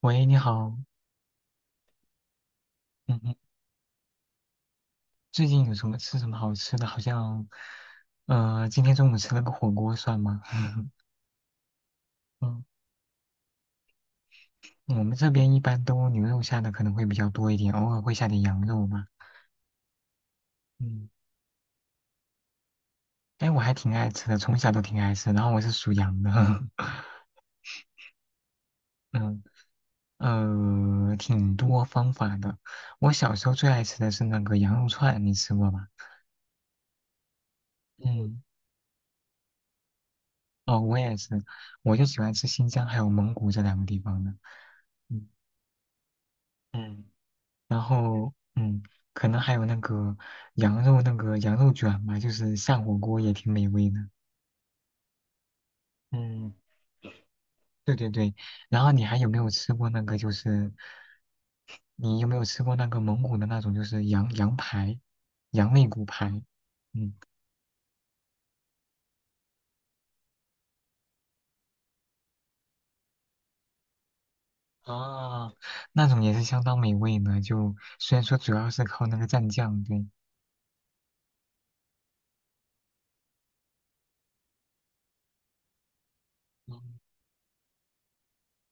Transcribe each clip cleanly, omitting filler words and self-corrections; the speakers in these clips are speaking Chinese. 喂，你好。嗯嗯。最近有什么吃什么好吃的？好像，今天中午吃了个火锅，算吗？嗯，我们这边一般都牛肉下的可能会比较多一点，偶尔会下点羊肉吧。嗯。哎，我还挺爱吃的，从小都挺爱吃。然后我是属羊的。挺多方法的。我小时候最爱吃的是那个羊肉串，你吃过吧？嗯，哦，我也是。我就喜欢吃新疆还有蒙古这两个地方的。嗯嗯。然后嗯，可能还有那个羊肉卷嘛，就是下火锅也挺美味的。嗯，对对对。然后你还有没有吃过那个就是，你有没有吃过那个蒙古的那种就是羊排，羊肋骨排？嗯，啊，那种也是相当美味呢，就虽然说主要是靠那个蘸酱，对。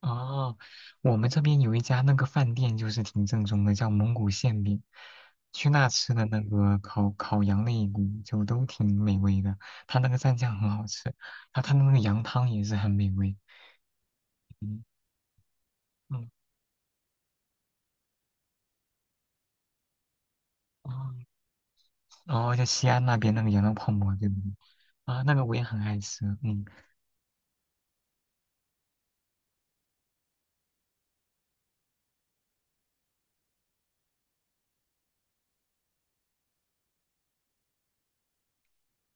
哦，我们这边有一家那个饭店，就是挺正宗的，叫蒙古馅饼。去那吃的那个烤羊肋骨就都挺美味的，它那个蘸酱很好吃，然后它那个羊汤也是很美味。嗯嗯，哦，然后在西安那边那个羊肉泡馍，对不对？啊，那个我也很爱吃。嗯。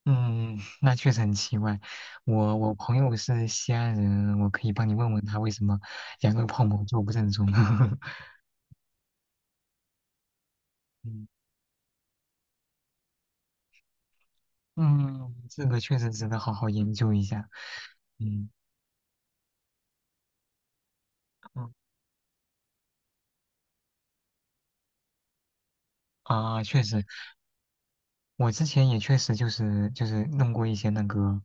嗯，那确实很奇怪。我朋友是西安人，我可以帮你问问他为什么羊肉泡馍就不正宗。嗯。嗯，这个确实值得好好研究一下。嗯嗯，啊，确实。我之前也确实就是弄过一些那个，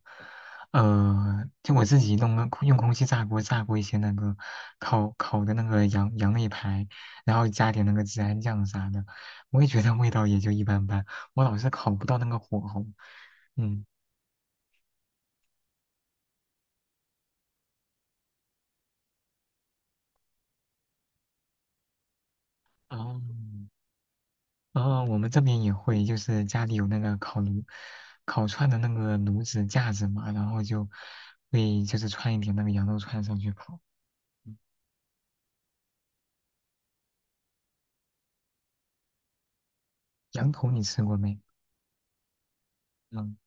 就我自己弄个用空气炸锅炸过一些那个烤的那个羊肋排，然后加点那个孜然酱啥的，我也觉得味道也就一般般，我老是烤不到那个火候。嗯。哦，然后我们这边也会，就是家里有那个烤炉、烤串的那个炉子架子嘛，然后就会就是串一点那个羊肉串上去烤。嗯。羊头你吃过没？嗯。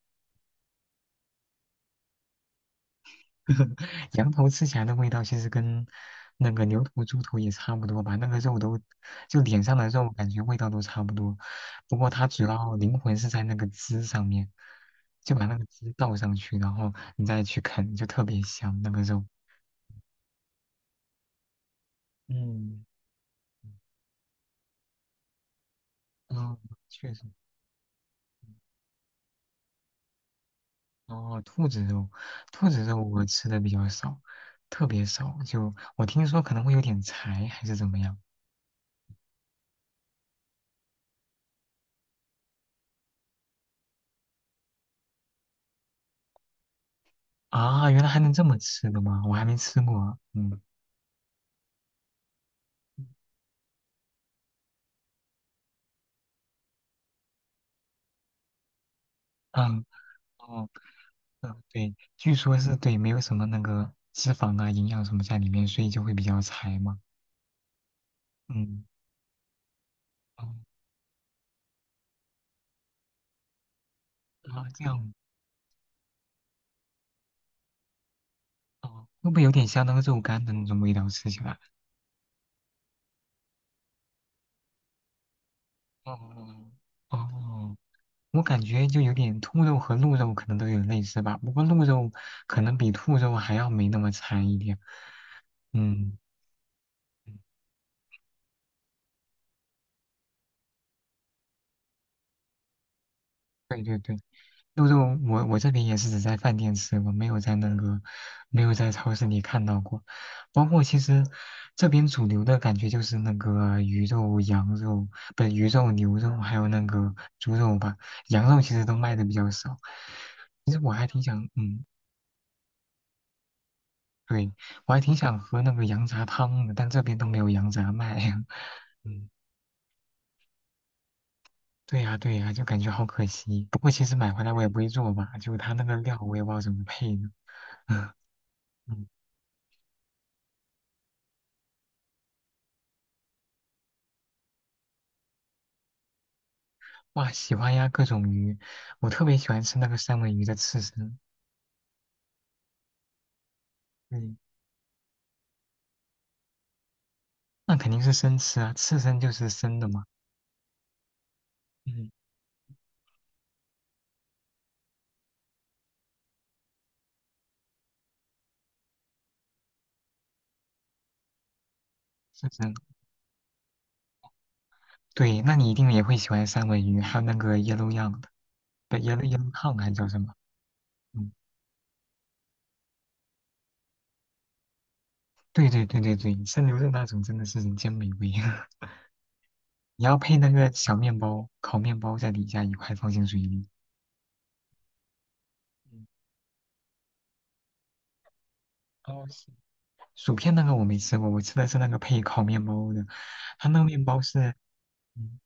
羊头吃起来的味道其实跟那个牛头、猪头也差不多吧，那个肉都就脸上的肉感觉味道都差不多，不过它主要灵魂是在那个汁上面，就把那个汁倒上去，然后你再去啃，就特别香那个肉。嗯。嗯，确实。哦，兔子肉，兔子肉我吃的比较少，特别少。就我听说可能会有点柴，还是怎么样？啊，原来还能这么吃的吗？我还没吃过。嗯。嗯。哦。嗯，对，据说是，对，没有什么那个脂肪啊、营养什么在里面，所以就会比较柴嘛。嗯。哦。啊，这样。哦，会不会有点像那个肉干的那种味道？吃起来？哦。哦。哦，我感觉就有点兔肉和鹿肉可能都有点类似吧，不过鹿肉可能比兔肉还要没那么柴一点。嗯，对对对，鹿肉我这边也是只在饭店吃过，没有在那个没有在超市里看到过。包括其实这边主流的感觉就是那个鱼肉、羊肉，不是鱼肉、牛肉，还有那个猪肉吧。羊肉其实都卖的比较少。其实我还挺想，嗯，对，我还挺想喝那个羊杂汤的，但这边都没有羊杂卖。嗯，对呀，对呀，就感觉好可惜。不过其实买回来我也不会做吧，就它那个料我也不知道怎么配呢。嗯，哇，喜欢呀，各种鱼，我特别喜欢吃那个三文鱼的刺身。嗯，那肯定是生吃啊，刺身就是生的嘛。嗯，刺身。对，那你一定也会喜欢三文鱼，还有那个 yellow yang 的，不，yellow yellow 烫还叫什么？嗯，对对对对对，生牛肉那种真的是人间美味。你要配那个小面包，烤面包在底下一块放进水里。嗯。哦，是，薯片那个我没吃过，我吃的是那个配烤面包的，它那个面包是，嗯。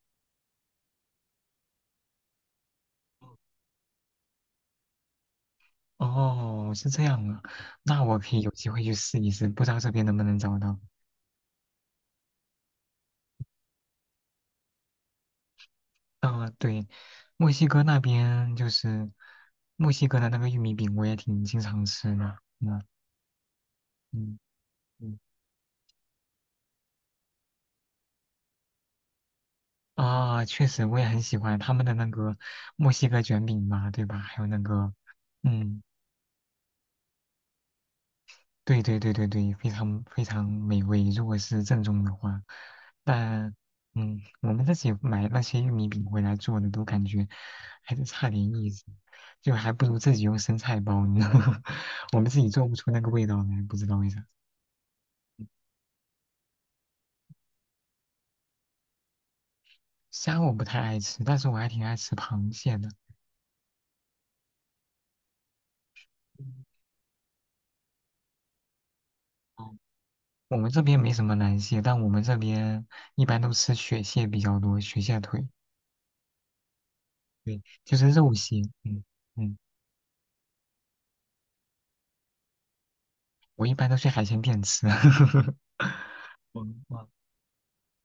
哦，是这样啊，那我可以有机会去试一试，不知道这边能不能找到。啊、对，墨西哥那边就是墨西哥的那个玉米饼，我也挺经常吃的。嗯。嗯。嗯，啊，确实我也很喜欢他们的那个墨西哥卷饼嘛，对吧？还有那个，嗯。对对对对对，非常非常美味。如果是正宗的话，但嗯，我们自己买那些玉米饼回来做的，都感觉还是差点意思，就还不如自己用生菜包呢。我们自己做不出那个味道来，不知道为啥。虾我不太爱吃，但是我还挺爱吃螃蟹的。嗯。哦，我们这边没什么蓝蟹，但我们这边一般都吃雪蟹比较多，雪蟹腿，对，就是肉蟹。嗯。嗯，我一般都去海鲜店吃。嗯，哇，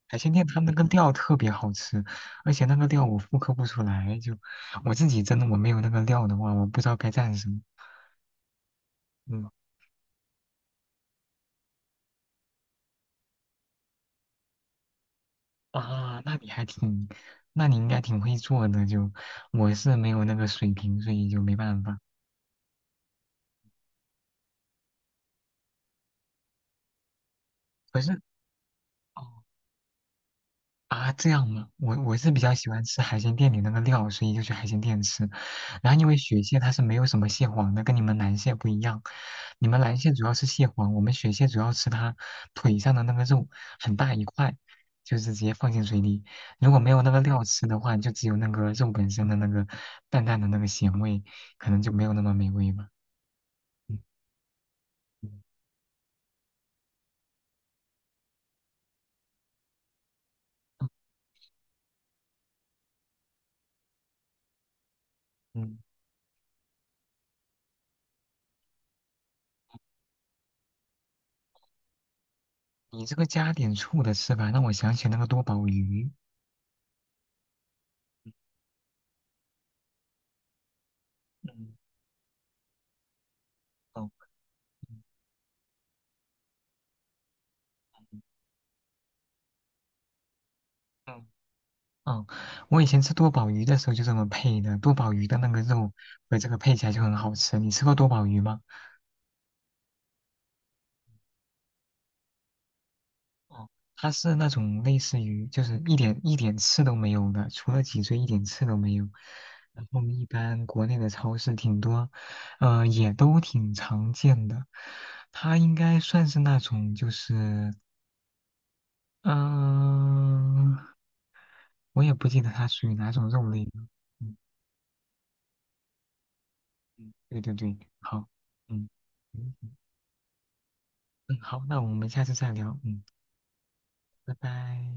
海鲜店们那个料特别好吃，而且那个料我复刻不出来，就我自己真的我没有那个料的话，我不知道该蘸什么。嗯。啊，那你还挺，那你应该挺会做的，就我是没有那个水平，所以就没办法。可是，哦，啊，这样吗？我是比较喜欢吃海鲜店里那个料，所以就去海鲜店吃。然后因为雪蟹它是没有什么蟹黄的，跟你们蓝蟹不一样。你们蓝蟹主要是蟹黄，我们雪蟹主要吃它腿上的那个肉，很大一块，就是直接放进水里。如果没有那个料吃的话，就只有那个肉本身的那个淡淡的那个咸味，可能就没有那么美味吧。嗯。嗯。嗯。你这个加点醋的吃法让我想起那个多宝鱼。嗯，哦。嗯。嗯，我以前吃多宝鱼的时候就这么配的，多宝鱼的那个肉和这个配起来就很好吃。你吃过多宝鱼吗？哦，它是那种类似于就是一点一点刺都没有的，除了脊椎一点刺都没有。然后一般国内的超市挺多，也都挺常见的。它应该算是那种就是，嗯、我也不记得它属于哪种肉类了。嗯，对对对，好，嗯。嗯。嗯，好，那我们下次再聊。嗯，拜拜。